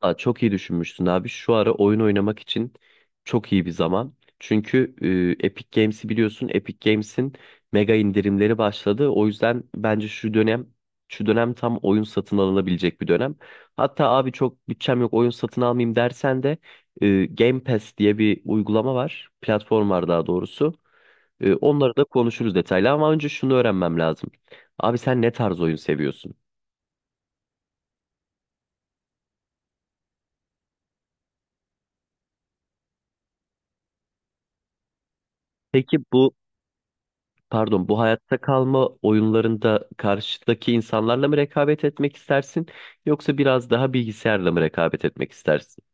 Aa, çok iyi düşünmüşsün abi. Şu ara oyun oynamak için çok iyi bir zaman. Çünkü Epic Games'i biliyorsun. Epic Games'in mega indirimleri başladı. O yüzden bence şu dönem tam oyun satın alınabilecek bir dönem. Hatta abi çok bütçem yok, oyun satın almayayım dersen de Game Pass diye bir uygulama var. Platform var daha doğrusu. Onları da konuşuruz detaylı ama önce şunu öğrenmem lazım. Abi sen ne tarz oyun seviyorsun? Peki bu Pardon, bu hayatta kalma oyunlarında karşıdaki insanlarla mı rekabet etmek istersin yoksa biraz daha bilgisayarla mı rekabet etmek istersin?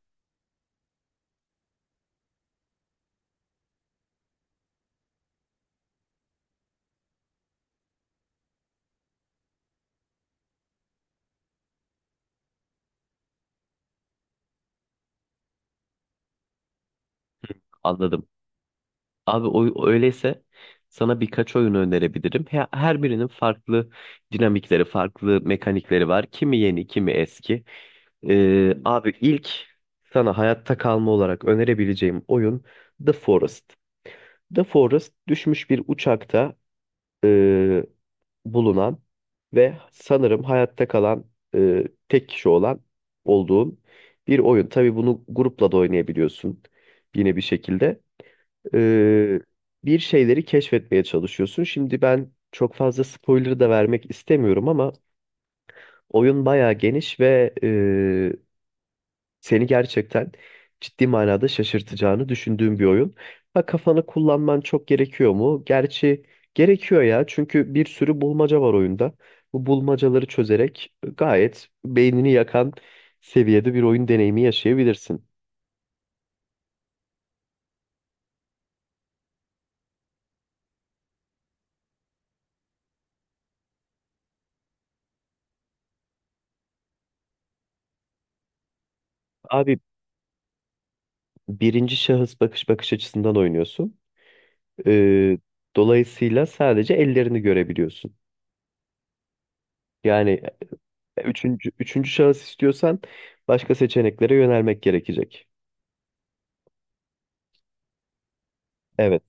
Anladım. Abi öyleyse sana birkaç oyun önerebilirim. Her birinin farklı dinamikleri, farklı mekanikleri var. Kimi yeni, kimi eski. Abi ilk sana hayatta kalma olarak önerebileceğim oyun The Forest. The Forest, düşmüş bir uçakta ee, bulunan ve sanırım hayatta kalan e, tek kişi olduğun bir oyun. Tabii bunu grupla da oynayabiliyorsun yine bir şekilde. E, Bir şeyleri keşfetmeye çalışıyorsun. Şimdi ben çok fazla spoiler da vermek istemiyorum ama oyun bayağı geniş ve seni gerçekten ciddi manada şaşırtacağını düşündüğüm bir oyun. Ha, kafanı kullanman çok gerekiyor mu? Gerçi gerekiyor ya, çünkü bir sürü bulmaca var oyunda. Bu bulmacaları çözerek gayet beynini yakan seviyede bir oyun deneyimi yaşayabilirsin. Abi birinci şahıs bakış açısından oynuyorsun. Ee, Dolayısıyla sadece ellerini görebiliyorsun. Yani üçüncü şahıs istiyorsan başka seçeneklere yönelmek gerekecek. Evet.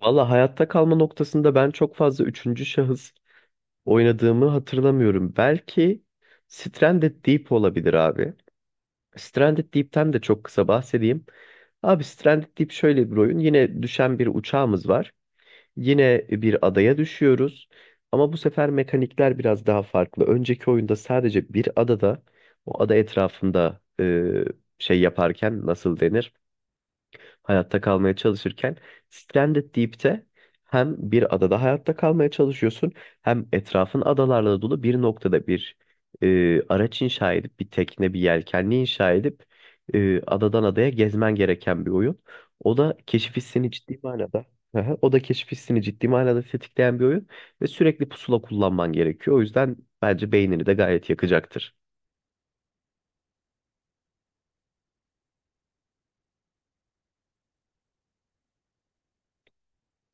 Valla hayatta kalma noktasında ben çok fazla üçüncü şahıs oynadığımı hatırlamıyorum. Belki Stranded Deep olabilir abi. Stranded Deep'ten de çok kısa bahsedeyim. Abi Stranded Deep şöyle bir oyun. Yine düşen bir uçağımız var. Yine bir adaya düşüyoruz. Ama bu sefer mekanikler biraz daha farklı. Önceki oyunda sadece bir adada, o ada etrafında şey yaparken, nasıl denir, hayatta kalmaya çalışırken, Stranded Deep'te hem bir adada hayatta kalmaya çalışıyorsun hem etrafın adalarla dolu bir noktada bir araç inşa edip, bir tekne, bir yelkenli inşa edip adadan adaya gezmen gereken bir oyun. O da keşif hissini ciddi manada Aha, o da keşif hissini ciddi manada tetikleyen bir oyun ve sürekli pusula kullanman gerekiyor. O yüzden bence beynini de gayet yakacaktır.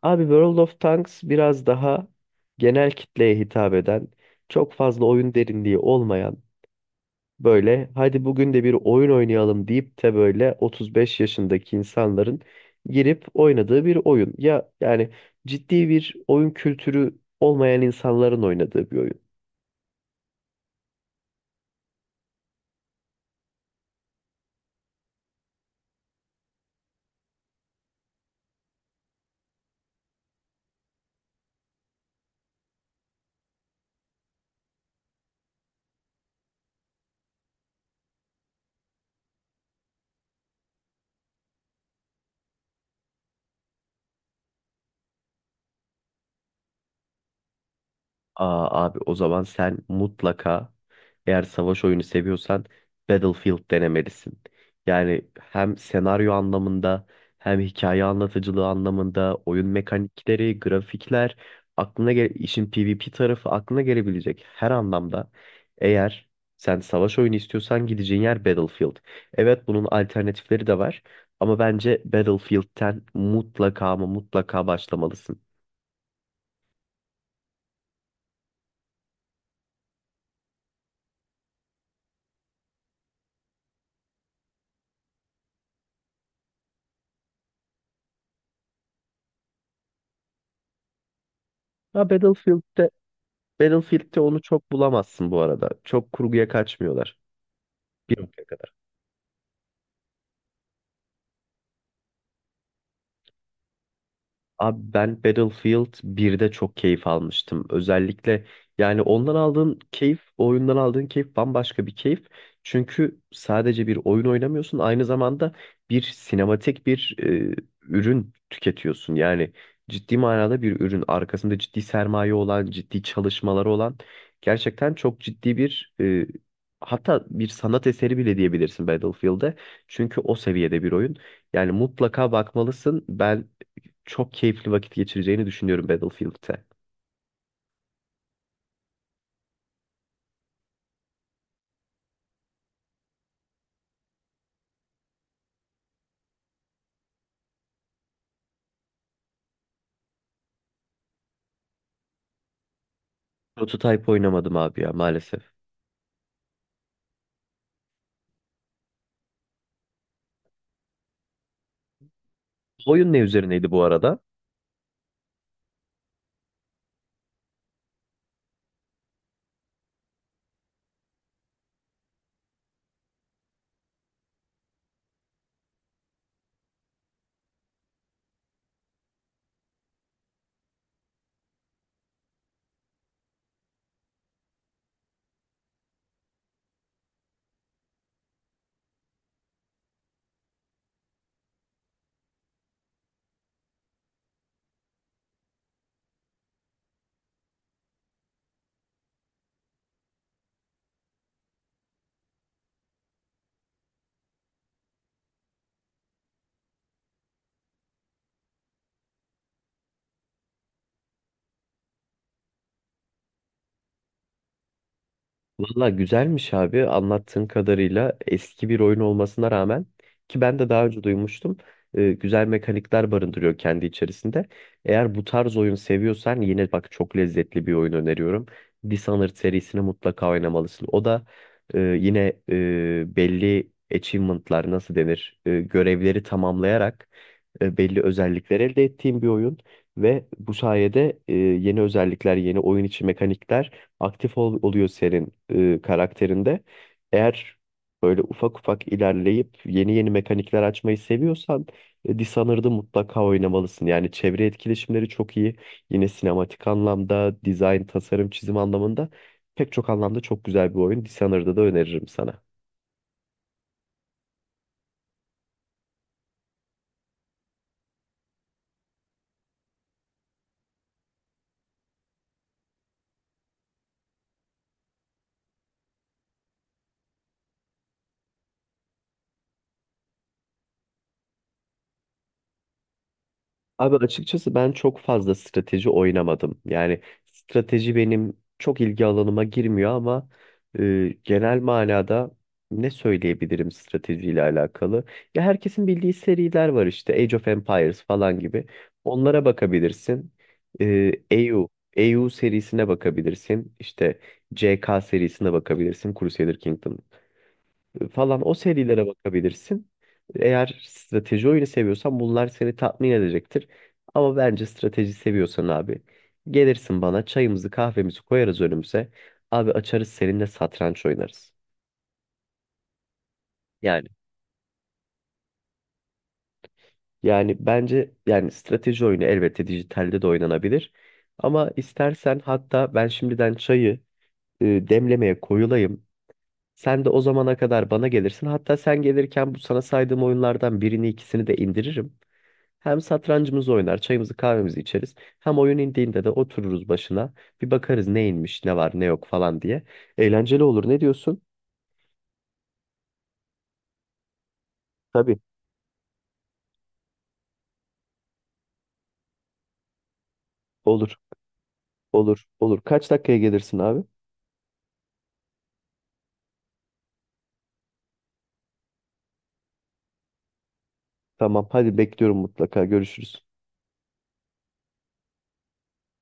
Abi World of Tanks biraz daha genel kitleye hitap eden, çok fazla oyun derinliği olmayan, böyle hadi bugün de bir oyun oynayalım deyip de böyle 35 yaşındaki insanların girip oynadığı bir oyun. Ya yani ciddi bir oyun kültürü olmayan insanların oynadığı bir oyun. Aa, abi o zaman sen mutlaka, eğer savaş oyunu seviyorsan, Battlefield denemelisin. Yani hem senaryo anlamında hem hikaye anlatıcılığı anlamında, oyun mekanikleri, grafikler, aklına gel işin PvP tarafı, aklına gelebilecek her anlamda, eğer sen savaş oyunu istiyorsan gideceğin yer Battlefield. Evet, bunun alternatifleri de var ama bence Battlefield'ten mutlaka ama mutlaka başlamalısın. Ha, Battlefield'te onu çok bulamazsın bu arada. Çok kurguya kaçmıyorlar. Bir, Abi ben Battlefield birde çok keyif almıştım. Özellikle yani o oyundan aldığın keyif bambaşka bir keyif. Çünkü sadece bir oyun oynamıyorsun, aynı zamanda bir sinematik bir ürün tüketiyorsun. Yani ciddi manada bir ürün, arkasında ciddi sermaye olan, ciddi çalışmaları olan, gerçekten çok ciddi bir hatta bir sanat eseri bile diyebilirsin Battlefield'e. Çünkü o seviyede bir oyun. Yani mutlaka bakmalısın. Ben çok keyifli vakit geçireceğini düşünüyorum Battlefield'te. Prototype oynamadım abi ya, maalesef. Oyun ne üzerineydi bu arada? Valla güzelmiş abi, anlattığın kadarıyla eski bir oyun olmasına rağmen, ki ben de daha önce duymuştum, güzel mekanikler barındırıyor kendi içerisinde. Eğer bu tarz oyun seviyorsan yine bak, çok lezzetli bir oyun öneriyorum. Dishonored serisini mutlaka oynamalısın. O da belli achievement'lar, nasıl denir, görevleri tamamlayarak belli özellikler elde ettiğim bir oyun ve bu sayede yeni özellikler, yeni oyun içi mekanikler oluyor senin karakterinde. Eğer böyle ufak ufak ilerleyip yeni yeni mekanikler açmayı seviyorsan Dishonored'ı mutlaka oynamalısın. Yani çevre etkileşimleri çok iyi. Yine sinematik anlamda, dizayn, tasarım, çizim anlamında, pek çok anlamda çok güzel bir oyun. Dishonored'ı da öneririm sana. Abi açıkçası ben çok fazla strateji oynamadım. Yani strateji benim çok ilgi alanıma girmiyor ama genel manada ne söyleyebilirim stratejiyle alakalı? Ya herkesin bildiği seriler var, işte Age of Empires falan gibi. Onlara bakabilirsin. E, EU, EU serisine bakabilirsin. İşte CK serisine bakabilirsin. Crusader Kingdom falan, o serilere bakabilirsin. Eğer strateji oyunu seviyorsan bunlar seni tatmin edecektir. Ama bence strateji seviyorsan abi, gelirsin bana, çayımızı kahvemizi koyarız önümüze. Abi açarız seninle, satranç oynarız. Yani Yani bence, yani strateji oyunu elbette dijitalde de oynanabilir. Ama istersen hatta ben şimdiden çayı demlemeye koyulayım. Sen de o zamana kadar bana gelirsin. Hatta sen gelirken bu sana saydığım oyunlardan birini ikisini de indiririm. Hem satrancımızı oynar, çayımızı kahvemizi içeriz. Hem oyun indiğinde de otururuz başına. Bir bakarız ne inmiş, ne var, ne yok falan diye. Eğlenceli olur. Ne diyorsun? Tabii. Olur, olur, olur. Kaç dakikaya gelirsin abi? Tamam, hadi bekliyorum mutlaka. Görüşürüz.